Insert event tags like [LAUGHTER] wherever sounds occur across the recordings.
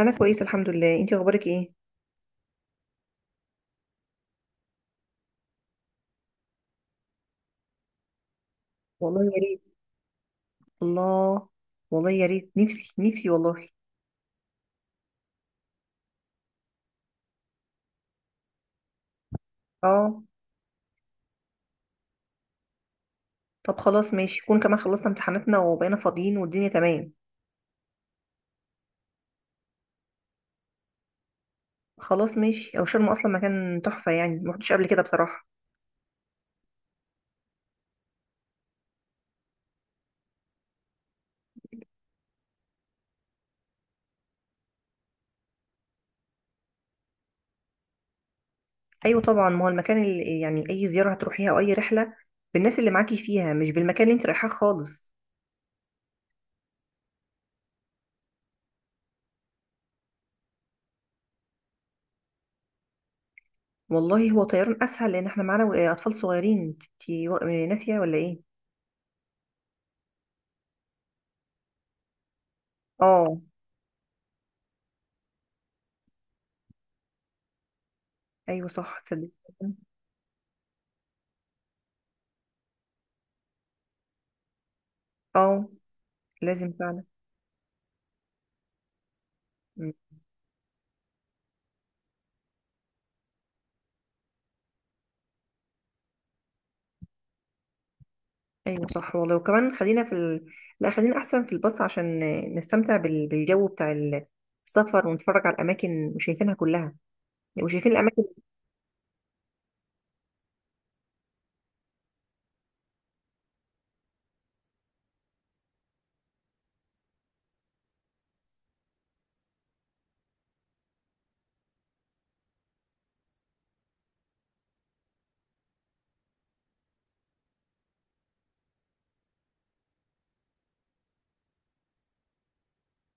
انا كويسه الحمد لله، انتي اخبارك ايه؟ والله يا ريت. الله. والله يا ريت، نفسي نفسي والله. اه. طب خلاص ماشي، يكون كمان خلصنا امتحاناتنا وبقينا فاضيين والدنيا تمام. خلاص ماشي، او شرم اصلا مكان تحفه، يعني ما رحتش قبل كده بصراحه. ايوه طبعا، ما هو المكان اللي، يعني اي زياره هتروحيها او اي رحله، بالناس اللي معاكي فيها مش بالمكان اللي انت رايحاه خالص. والله هو طيران اسهل، لان احنا معانا اطفال صغيرين، انتي ناسيه ولا ايه؟ اه. ايوه صح، تصدق. اه. لازم فعلا. ايوه صح والله، وكمان خلينا في لا خلينا احسن في الباص عشان نستمتع بالجو بتاع السفر، ونتفرج على الاماكن وشايفينها كلها وشايفين الاماكن.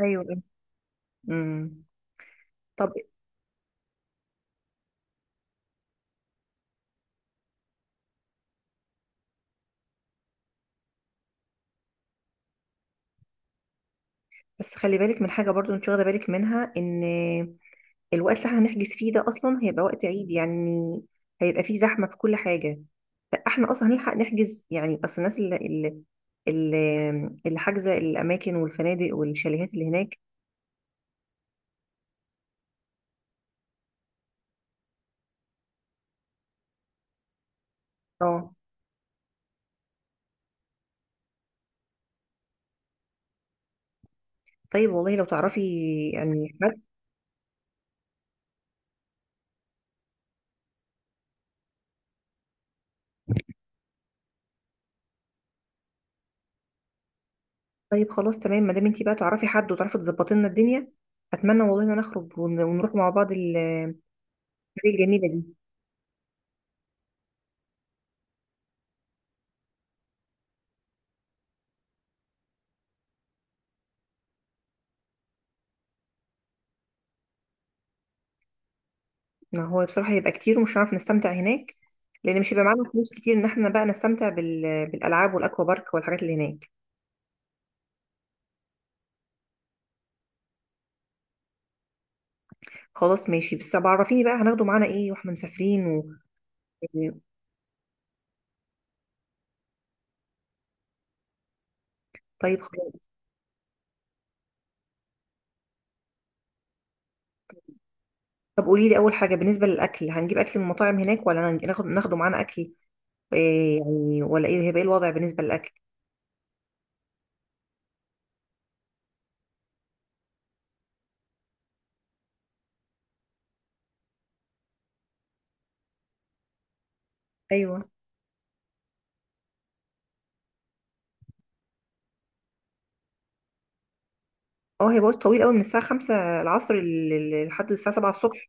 ايوه. امم طب بس خلي بالك من حاجه برضو، انت واخده بالك منها ان الوقت اللي احنا هنحجز فيه ده اصلا هيبقى وقت عيد، يعني هيبقى فيه زحمه في كل حاجه، فاحنا اصلا هنلحق نحجز، يعني اصل الناس اللي اللي حاجزه الاماكن والفنادق والشاليهات اللي هناك. اه. طيب والله لو تعرفي يعني حد. طيب خلاص تمام، ما دام انتي بقى تعرفي حد وتعرفي تظبطي لنا الدنيا. اتمنى والله ان نخرج ونروح مع بعض الحاجه الجميله دي. ما هو بصراحه هيبقى كتير ومش هنعرف نستمتع هناك، لان مش هيبقى معانا فلوس كتير ان احنا بقى نستمتع بالالعاب والاكوا بارك والحاجات اللي هناك. خلاص ماشي، بس طب عرفيني بقى هناخده معانا ايه واحنا مسافرين. طيب خلاص. طب قولي لي، اول حاجه بالنسبه للاكل، هنجيب اكل من مطاعم هناك ولا ناخده معانا اكل؟ إيه يعني، ولا ايه هيبقى، ايه الوضع بالنسبه للاكل؟ ايوه. اه، هي وقت طويل قوي، من الساعة خمسة العصر لحد الساعة سبعة الصبح.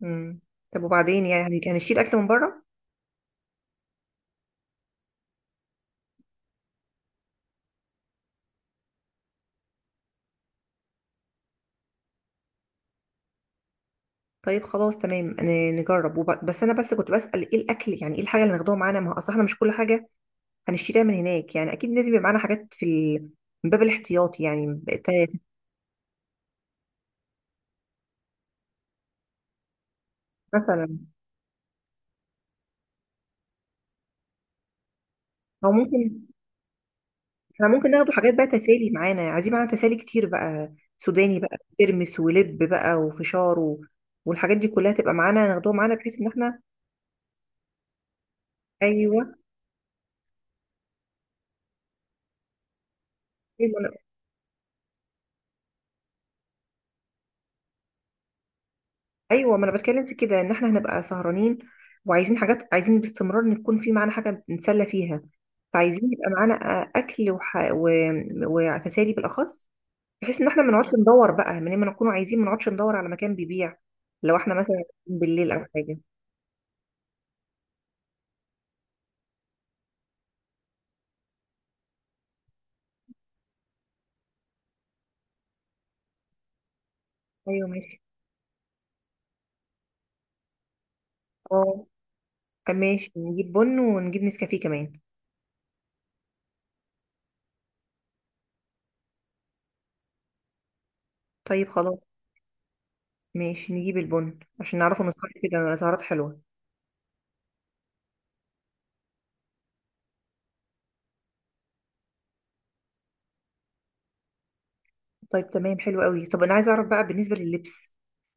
مم. طب وبعدين، يعني يعني هنشيل أكل من بره؟ طيب خلاص تمام، أنا نجرب بس أنا بس كنت بسأل إيه الأكل، يعني إيه الحاجة اللي هناخدوها معانا، ما هو أصل إحنا مش كل حاجة هنشتريها من هناك، يعني أكيد لازم يبقى معانا حاجات من باب الاحتياط، يعني مثلا أو ممكن إحنا ممكن ناخد حاجات بقى تسالي معانا. عايزين معانا تسالي كتير بقى، سوداني بقى، ترمس ولب بقى، وفشار. والحاجات دي كلها تبقى معانا، ناخدوها معانا بحيث إن إحنا. أيوه، ايوه، ما انا بتكلم في كده، ان احنا هنبقى سهرانين وعايزين حاجات، عايزين باستمرار ان يكون في معانا حاجه نتسلى فيها، فعايزين يبقى معانا اكل وتسالي بالاخص، بحيث ان احنا ما نقعدش ندور بقى من لما نكون عايزين، ما نقعدش ندور على مكان بيبيع، لو احنا مثلا بالليل او حاجه. ايوه ماشي. اه. ماشي، نجيب بن ونجيب نسكافيه كمان. طيب خلاص ماشي، نجيب البن عشان نعرفه نسهر كده سهرات حلوه. طيب تمام، حلو قوي. طب انا عايزه اعرف بقى بالنسبه لللبس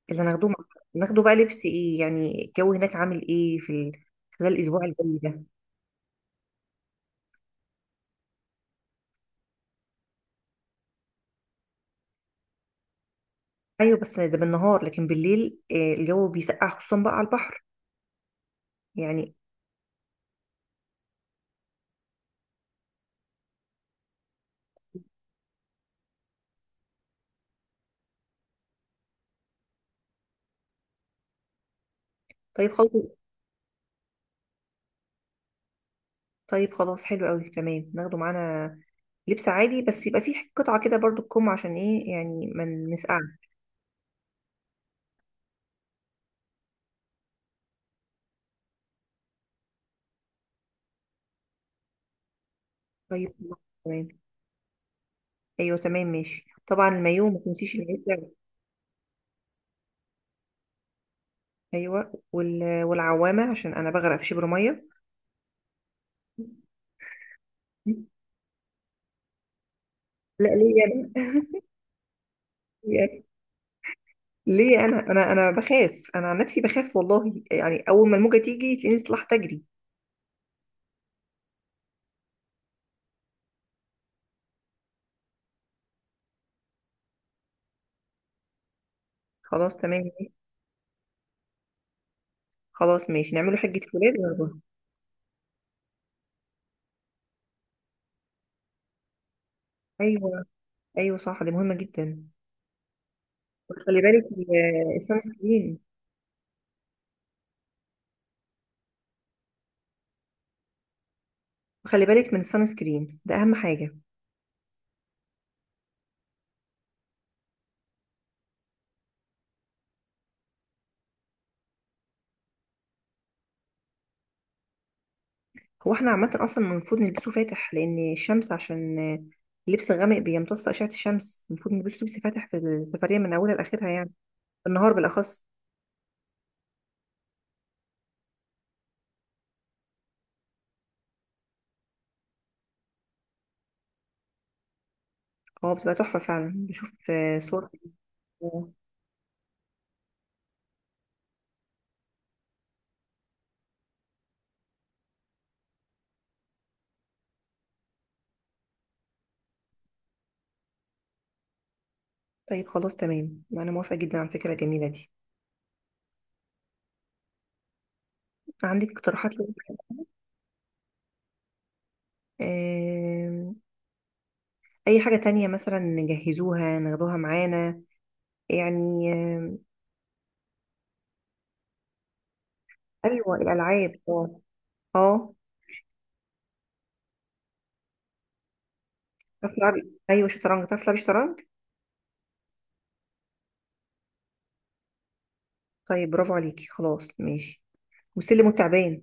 اللي هناخدوه. ناخده بقى لبس ايه، يعني الجو هناك عامل ايه خلال الاسبوع الجاي ده؟ ايوه، بس ده بالنهار، لكن بالليل الجو بيسقع خصوصا بقى على البحر يعني. طيب خلاص. طيب خلاص، حلو قوي تمام، ناخده معانا لبس عادي بس يبقى فيه قطعة كده برضو تكم، عشان ايه يعني ما نسقعش. طيب خلاص، تمام. ايوه تمام ماشي، طبعا المايوه ما تنسيش العزة. ايوه، والعوامة عشان انا بغرق في شبر ميه. [LAUGHS] لا، ليه يعني؟ [LAUGHS] ليه، انا بخاف، انا عن نفسي بخاف والله، يعني اول ما الموجه تيجي تلاقيني طلعت اجري. خلاص تمام. خلاص ماشي، نعمله حجه ولاد ونروح. ايوه. ايوه صح، دي مهمه جدا. وخلي بالك السان سكرين. وخلي بالك من السان سكرين، ده اهم حاجه. هو احنا عامه اصلا المفروض نلبسه فاتح، لان الشمس، عشان اللبس الغامق بيمتص اشعه الشمس، المفروض نلبسه لبس فاتح في السفريه من اولها لاخرها يعني، النهار بالاخص. هو بتبقى تحفه فعلا، بشوف صور. طيب خلاص تمام، انا موافقة جدا على الفكرة الجميلة دي. عندك اقتراحات لي؟ آم، اي حاجة تانية مثلا نجهزوها ناخدوها معانا يعني. ايوه، الالعاب، اه. اه. تعرفي تلعبي، ايوه شطرنج، تعرفي تلعبي شطرنج؟ طيب برافو عليكي، خلاص ماشي. والسلم والتعبان.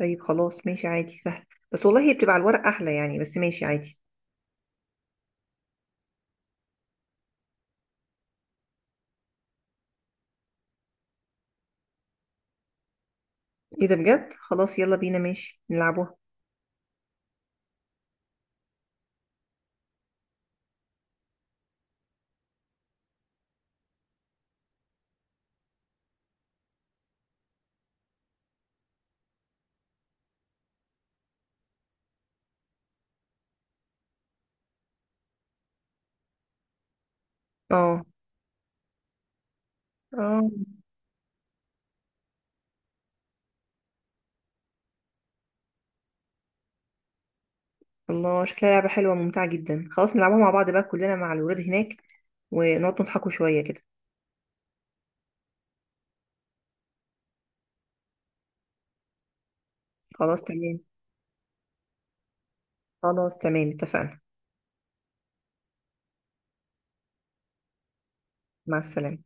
طيب خلاص ماشي، عادي سهل. بس والله هي بتبقى على الورق احلى يعني، بس ماشي عادي. ايه ده بجد، خلاص يلا بينا ماشي نلعبوها. اه. اه. الله، شكلها لعبة حلوة وممتعة جدا، خلاص نلعبها مع بعض بقى كلنا مع الولاد هناك، ونقعد نضحكوا شوية كده. خلاص تمام. خلاص تمام، اتفقنا. مع السلامة.